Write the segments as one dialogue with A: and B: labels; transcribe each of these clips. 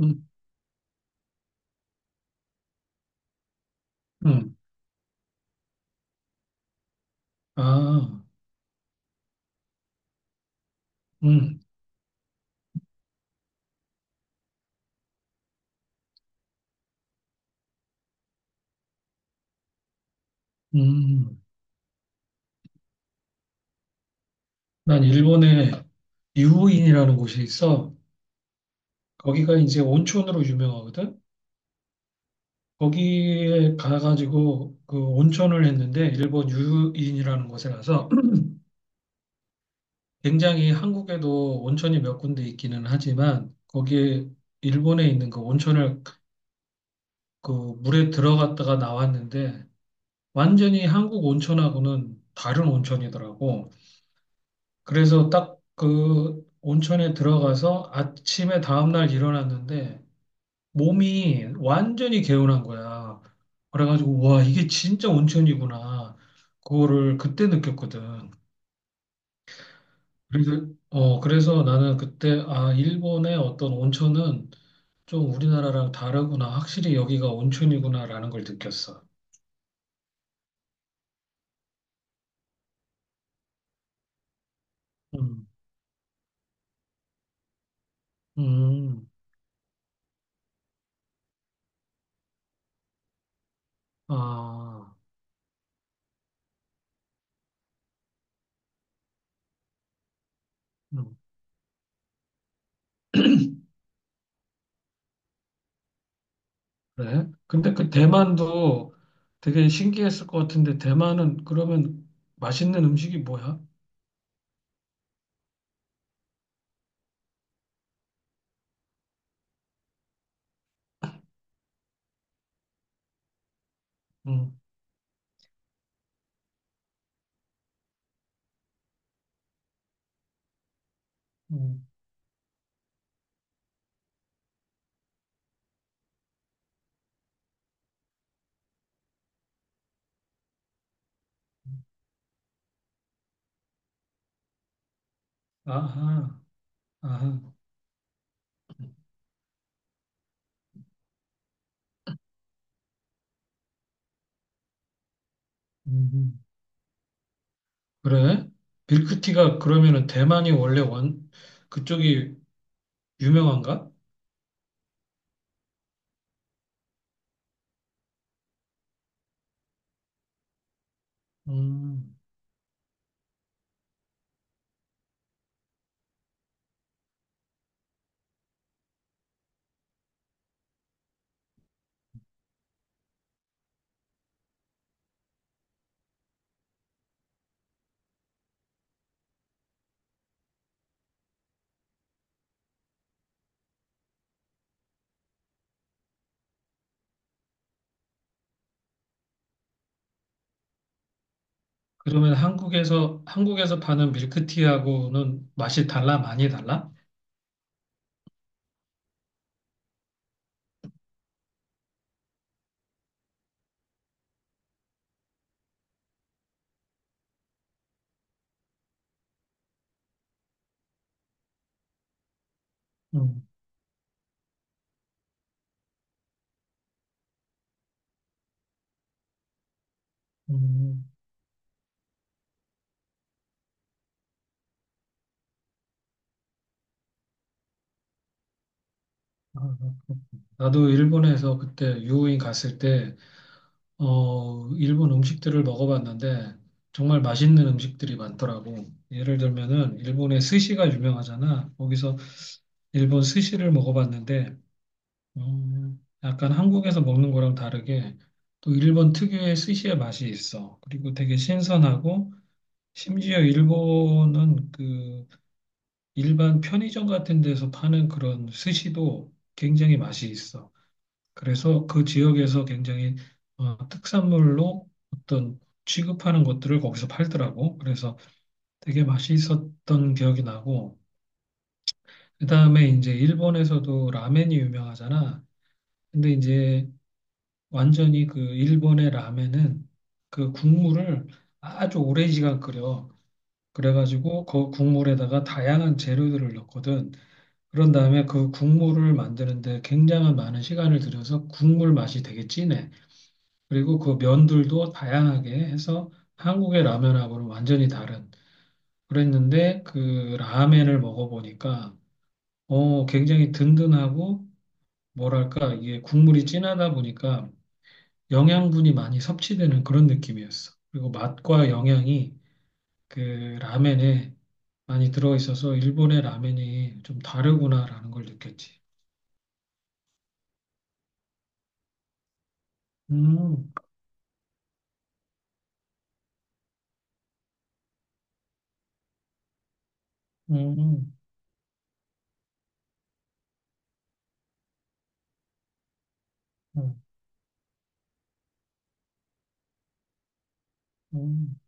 A: 음, 음, 아, 음, 음. 난 일본에 유인이라는 곳이 있어. 거기가 이제 온천으로 유명하거든. 거기에 가가지고 그 온천을 했는데 일본 유인이라는 곳에 가서 굉장히 한국에도 온천이 몇 군데 있기는 하지만 거기에 일본에 있는 그 온천을 그 물에 들어갔다가 나왔는데 완전히 한국 온천하고는 다른 온천이더라고. 그래서 딱 그 온천에 들어가서 아침에 다음날 일어났는데 몸이 완전히 개운한 거야. 그래가지고 와 이게 진짜 온천이구나. 그거를 그때 느꼈거든. 그래서 나는 그때 아 일본의 어떤 온천은 좀 우리나라랑 다르구나. 확실히 여기가 온천이구나라는 걸 느꼈어. 음, 음, 아, 음. 그래? 근데 그 대만도 되게 신기했을 것 같은데 대만은 그러면 맛있는 음식이 뭐야? 응, 응. 아하, 아하. 음. 그래? 밀크티가 그러면은 대만이 원래 원 그쪽이 유명한가? 음. 그러면 한국에서 한국에서 파는 밀크티하고는 맛이 달라? 많이 달라? 응, 음. 아, 나도 일본에서 그때 유호인 갔을 때 일본 음식들을 먹어봤는데 정말 맛있는 음식들이 많더라고. 예를 들면은 일본의 스시가 유명하잖아. 거기서 일본 스시를 먹어봤는데 약간 한국에서 먹는 거랑 다르게 또 일본 특유의 스시의 맛이 있어. 그리고 되게 신선하고 심지어 일본은 그 일반 편의점 같은 데서 파는 그런 스시도 굉장히 맛이 있어. 그래서 그 지역에서 굉장히 특산물로 어떤 취급하는 것들을 거기서 팔더라고. 그래서 되게 맛있었던 기억이 나고, 그다음에 이제 일본에서도 라멘이 유명하잖아. 근데 이제 완전히 그 일본의 라멘은 그 국물을 아주 오랜 시간 끓여. 그래가지고 그 국물에다가 다양한 재료들을 넣거든. 그런 다음에 그 국물을 만드는데 굉장한 많은 시간을 들여서 국물 맛이 되게 진해. 그리고 그 면들도 다양하게 해서 한국의 라면하고는 완전히 다른 그랬는데 그 라멘을 먹어보니까 굉장히 든든하고 뭐랄까 이게 국물이 진하다 보니까 영양분이 많이 섭취되는 그런 느낌이었어. 그리고 맛과 영양이 그 라멘에 많이 들어있어서 일본의 라멘이 좀 다르구나라는 걸 느꼈지. 음, 음, 음, 음,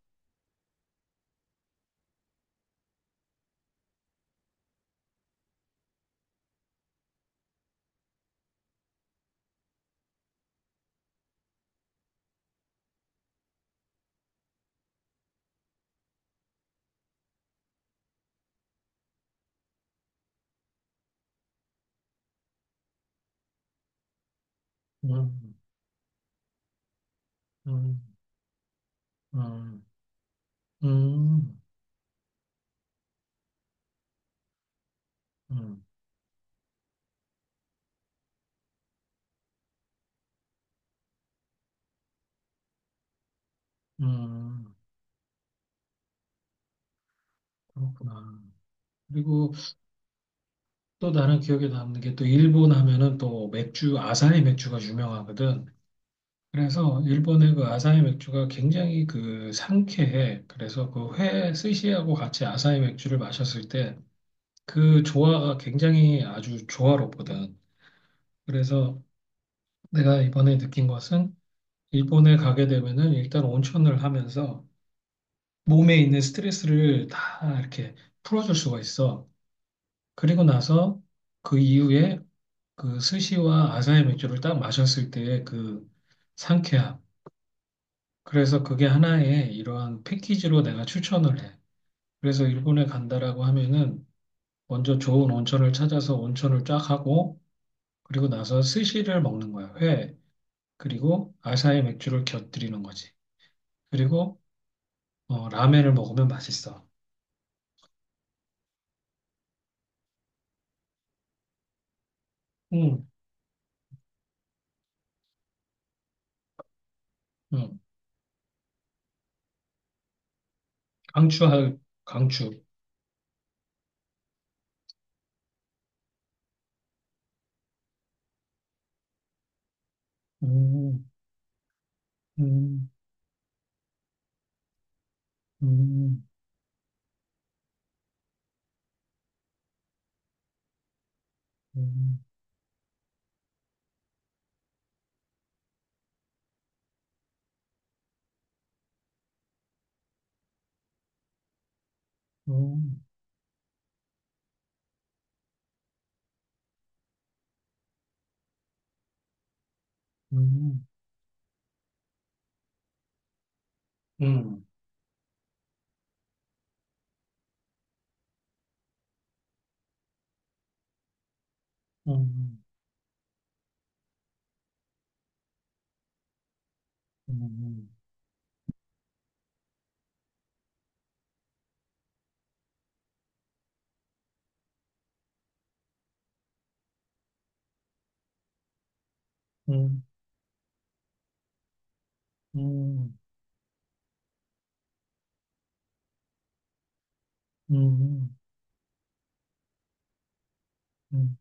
A: 음, 음, 음, 음. 음. 음. 음, 그렇구나. 그리고 또 나는 기억에 남는 게 또 일본 하면은 또 맥주, 아사히 맥주가 유명하거든. 그래서 일본의 그 아사히 맥주가 굉장히 그 상쾌해. 그래서 그 회 스시하고 같이 아사히 맥주를 마셨을 때 그 조화가 굉장히 아주 조화롭거든. 그래서 내가 이번에 느낀 것은 일본에 가게 되면은 일단 온천을 하면서 몸에 있는 스트레스를 다 이렇게 풀어줄 수가 있어. 그리고 나서 그 이후에 그 스시와 아사히 맥주를 딱 마셨을 때의 그 상쾌함. 그래서 그게 하나의 이러한 패키지로 내가 추천을 해. 그래서 일본에 간다라고 하면은 먼저 좋은 온천을 찾아서 온천을 쫙 하고 그리고 나서 스시를 먹는 거야. 회. 그리고 아사히 맥주를 곁들이는 거지. 그리고 라멘을 먹으면 맛있어. 음, 음. 강추할 강추. 음, 음, 음, 음, 음, 음, 음, 음. 음, 음, 음, 음, 음.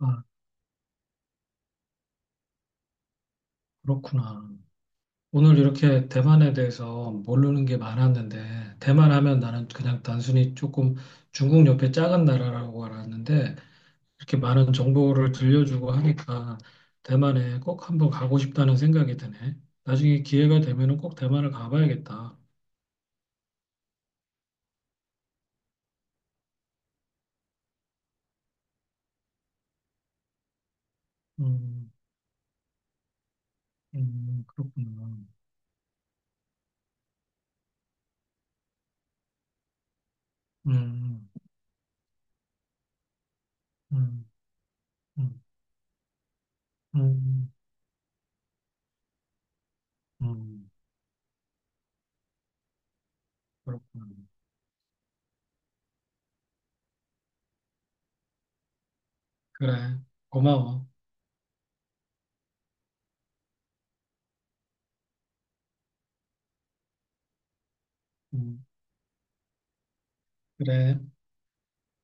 A: 아, 그렇구나. 오늘 이렇게 대만에 대해서 모르는 게 많았는데, 대만 하면 나는 그냥 단순히 조금 중국 옆에 작은 나라라고 알았는데, 이렇게 많은 정보를 들려주고 하니까 대만에 꼭 한번 가고 싶다는 생각이 드네. 나중에 기회가 되면은 꼭 대만을 가봐야겠다. 음, 그렇구나. 음, 음, 음, 음, 음, 그렇구나. 그래. 고마워. 음, 그래.